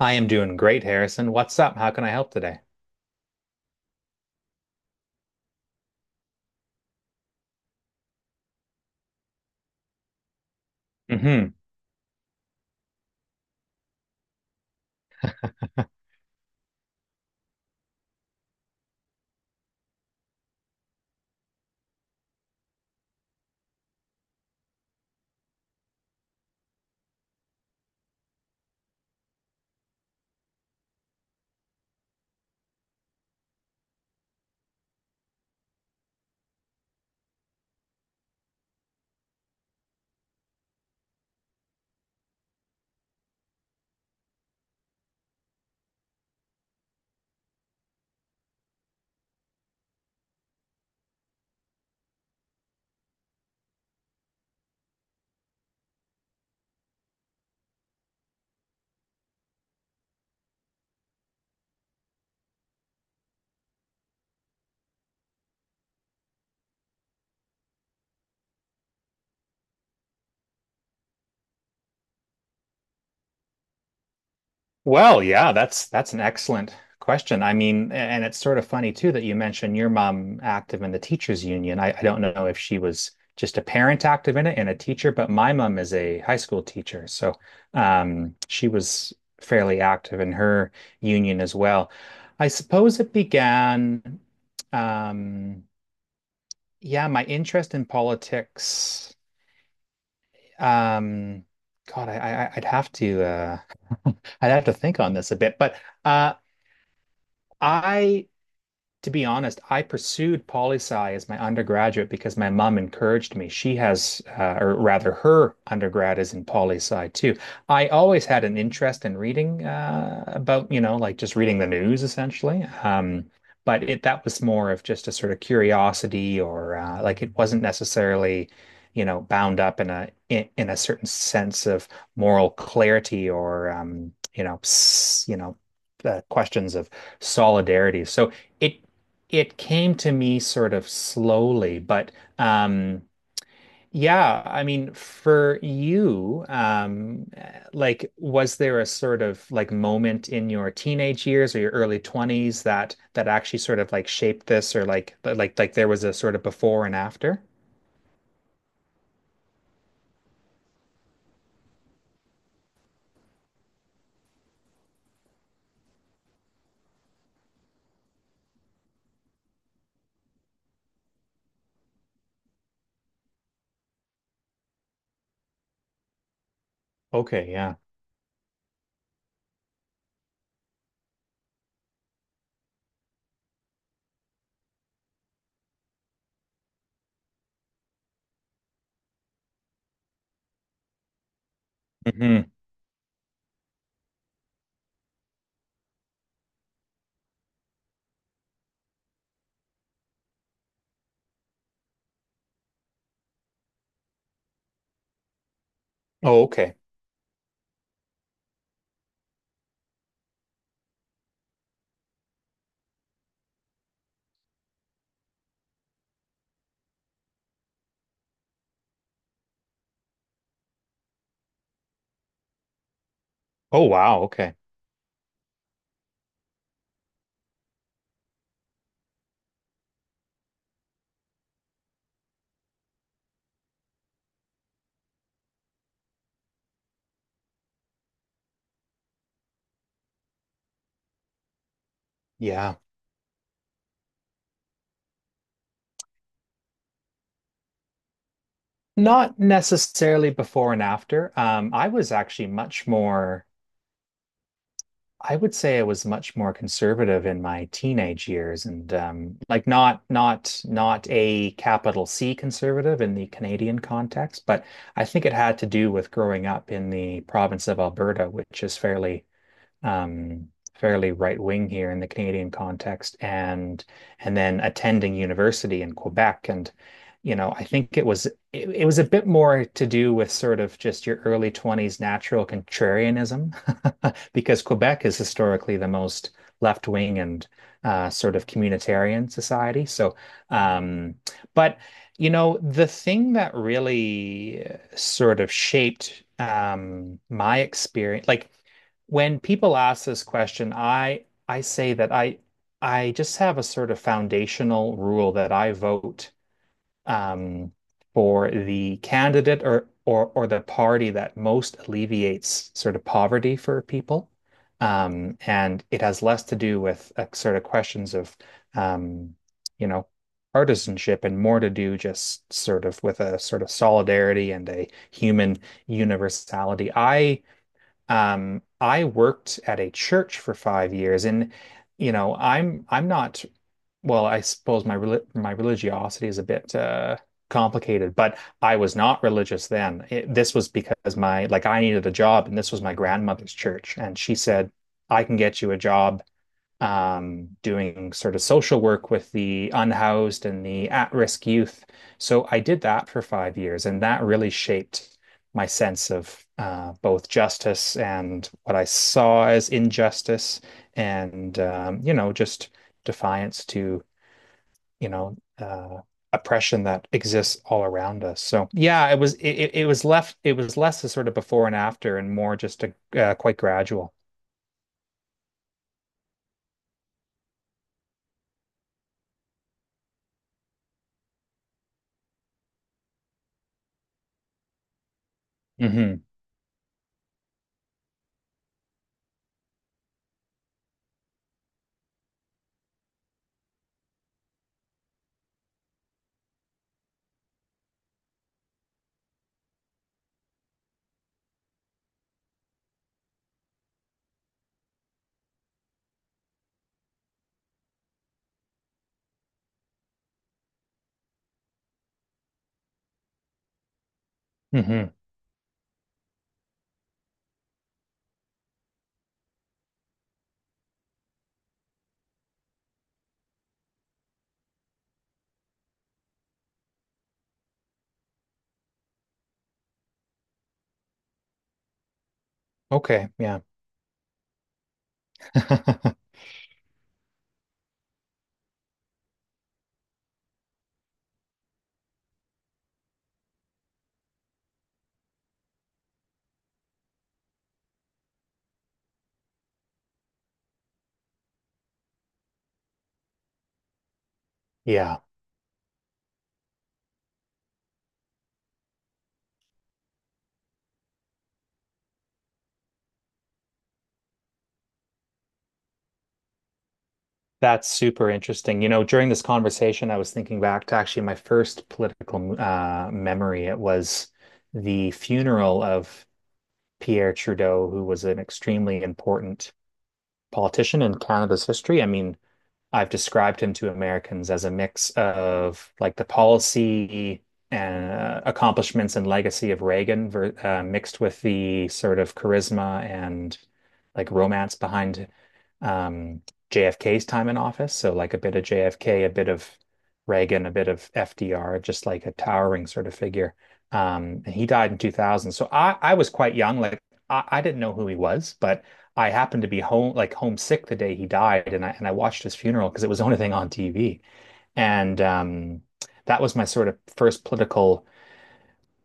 I am doing great, Harrison. What's up? How can I help today? Hmm. Well, yeah, that's an excellent question. I mean, and it's sort of funny too that you mentioned your mom active in the teachers union. I don't know if she was just a parent active in it and a teacher, but my mom is a high school teacher, so she was fairly active in her union as well. I suppose it began, um, yeah, my interest in politics. Um, God, I'd have to I'd have to think on this a bit, but uh I to be honest, I pursued poli sci as my undergraduate because my mom encouraged me. Or rather, her undergrad is in poli sci too. I always had an interest in reading about, like just reading the news essentially. But it that was more of just a sort of curiosity, or like it wasn't necessarily, bound up in a certain sense of moral clarity or you know, questions of solidarity. So it it came to me sort of slowly, but um yeah, I mean for you, like was there a sort of like moment in your teenage years or your early 20s that that actually sort of like shaped this or like there was a sort of before and after? Okay, yeah. Hmm. Oh, okay. Oh, wow. Okay. Yeah. Not necessarily before and after. I would say I was much more conservative in my teenage years and like not a capital C conservative in the Canadian context, but I think it had to do with growing up in the province of Alberta, which is fairly um, fairly right wing here in the Canadian context, and then attending university in Quebec, and you know, I think it was a bit more to do with sort of just your early 20s natural contrarianism, because Quebec is historically the most left wing and sort of communitarian society. So, um, but you know, the thing that really sort of shaped my experience, like when people ask this question, I say that I just have a sort of foundational rule that I vote um, for the candidate or the party that most alleviates sort of poverty for people, and it has less to do with sort of questions of um, you know partisanship and more to do just sort of with a sort of solidarity and a human universality. I worked at a church for 5 years, and I'm not. Well, I suppose my religiosity is a bit complicated, but I was not religious then. This was because my like I needed a job, and this was my grandmother's church, and she said, "I can get you a job doing sort of social work with the unhoused and the at-risk youth." So I did that for 5 years, and that really shaped my sense of both justice and what I saw as injustice, and just defiance to you know uh, oppression that exists all around us. So yeah, it was it, it was left it was less a sort of before and after, and more just a quite gradual. Hmm. Hmm. Okay, yeah. Yeah, that's super interesting. You know, during this conversation, I was thinking back to actually my first political memory. It was the funeral of Pierre Trudeau, who was an extremely important politician in Canada's history. I mean, I've described him to Americans as a mix of like the policy and accomplishments and legacy of Reagan ver mixed with the sort of charisma and like romance behind um, JFK's time in office. So like a bit of JFK, a bit of Reagan, a bit of FDR, just like a towering sort of figure. And he died in 2000. So I was quite young. Like I didn't know who he was, but I happened to be home, like homesick the day he died, and I watched his funeral because it was the only thing on TV. And that was my sort of first political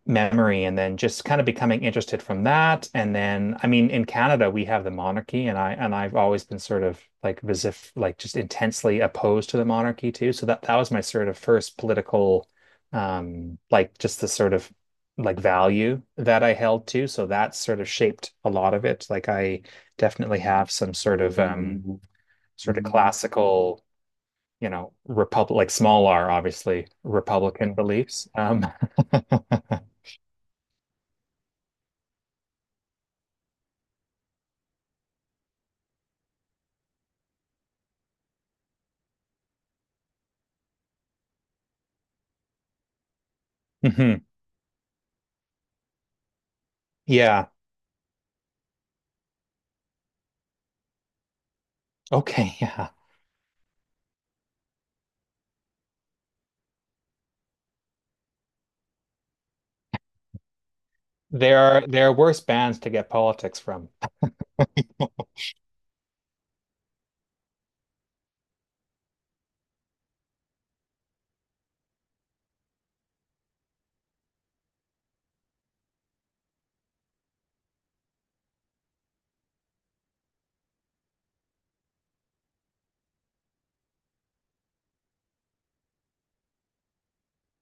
memory and then just kind of becoming interested from that. And then, I mean, in Canada, we have the monarchy and I've always been sort of like just intensely opposed to the monarchy too. So that was my sort of first political like just the sort of like value that I held to. So that sort of shaped a lot of it. Like I definitely have some sort of classical republic like small r, obviously, Republican beliefs. Mhm. Yeah. Okay. Yeah. There are worse bands to get politics from.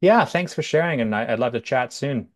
Yeah, thanks for sharing, and I'd love to chat soon.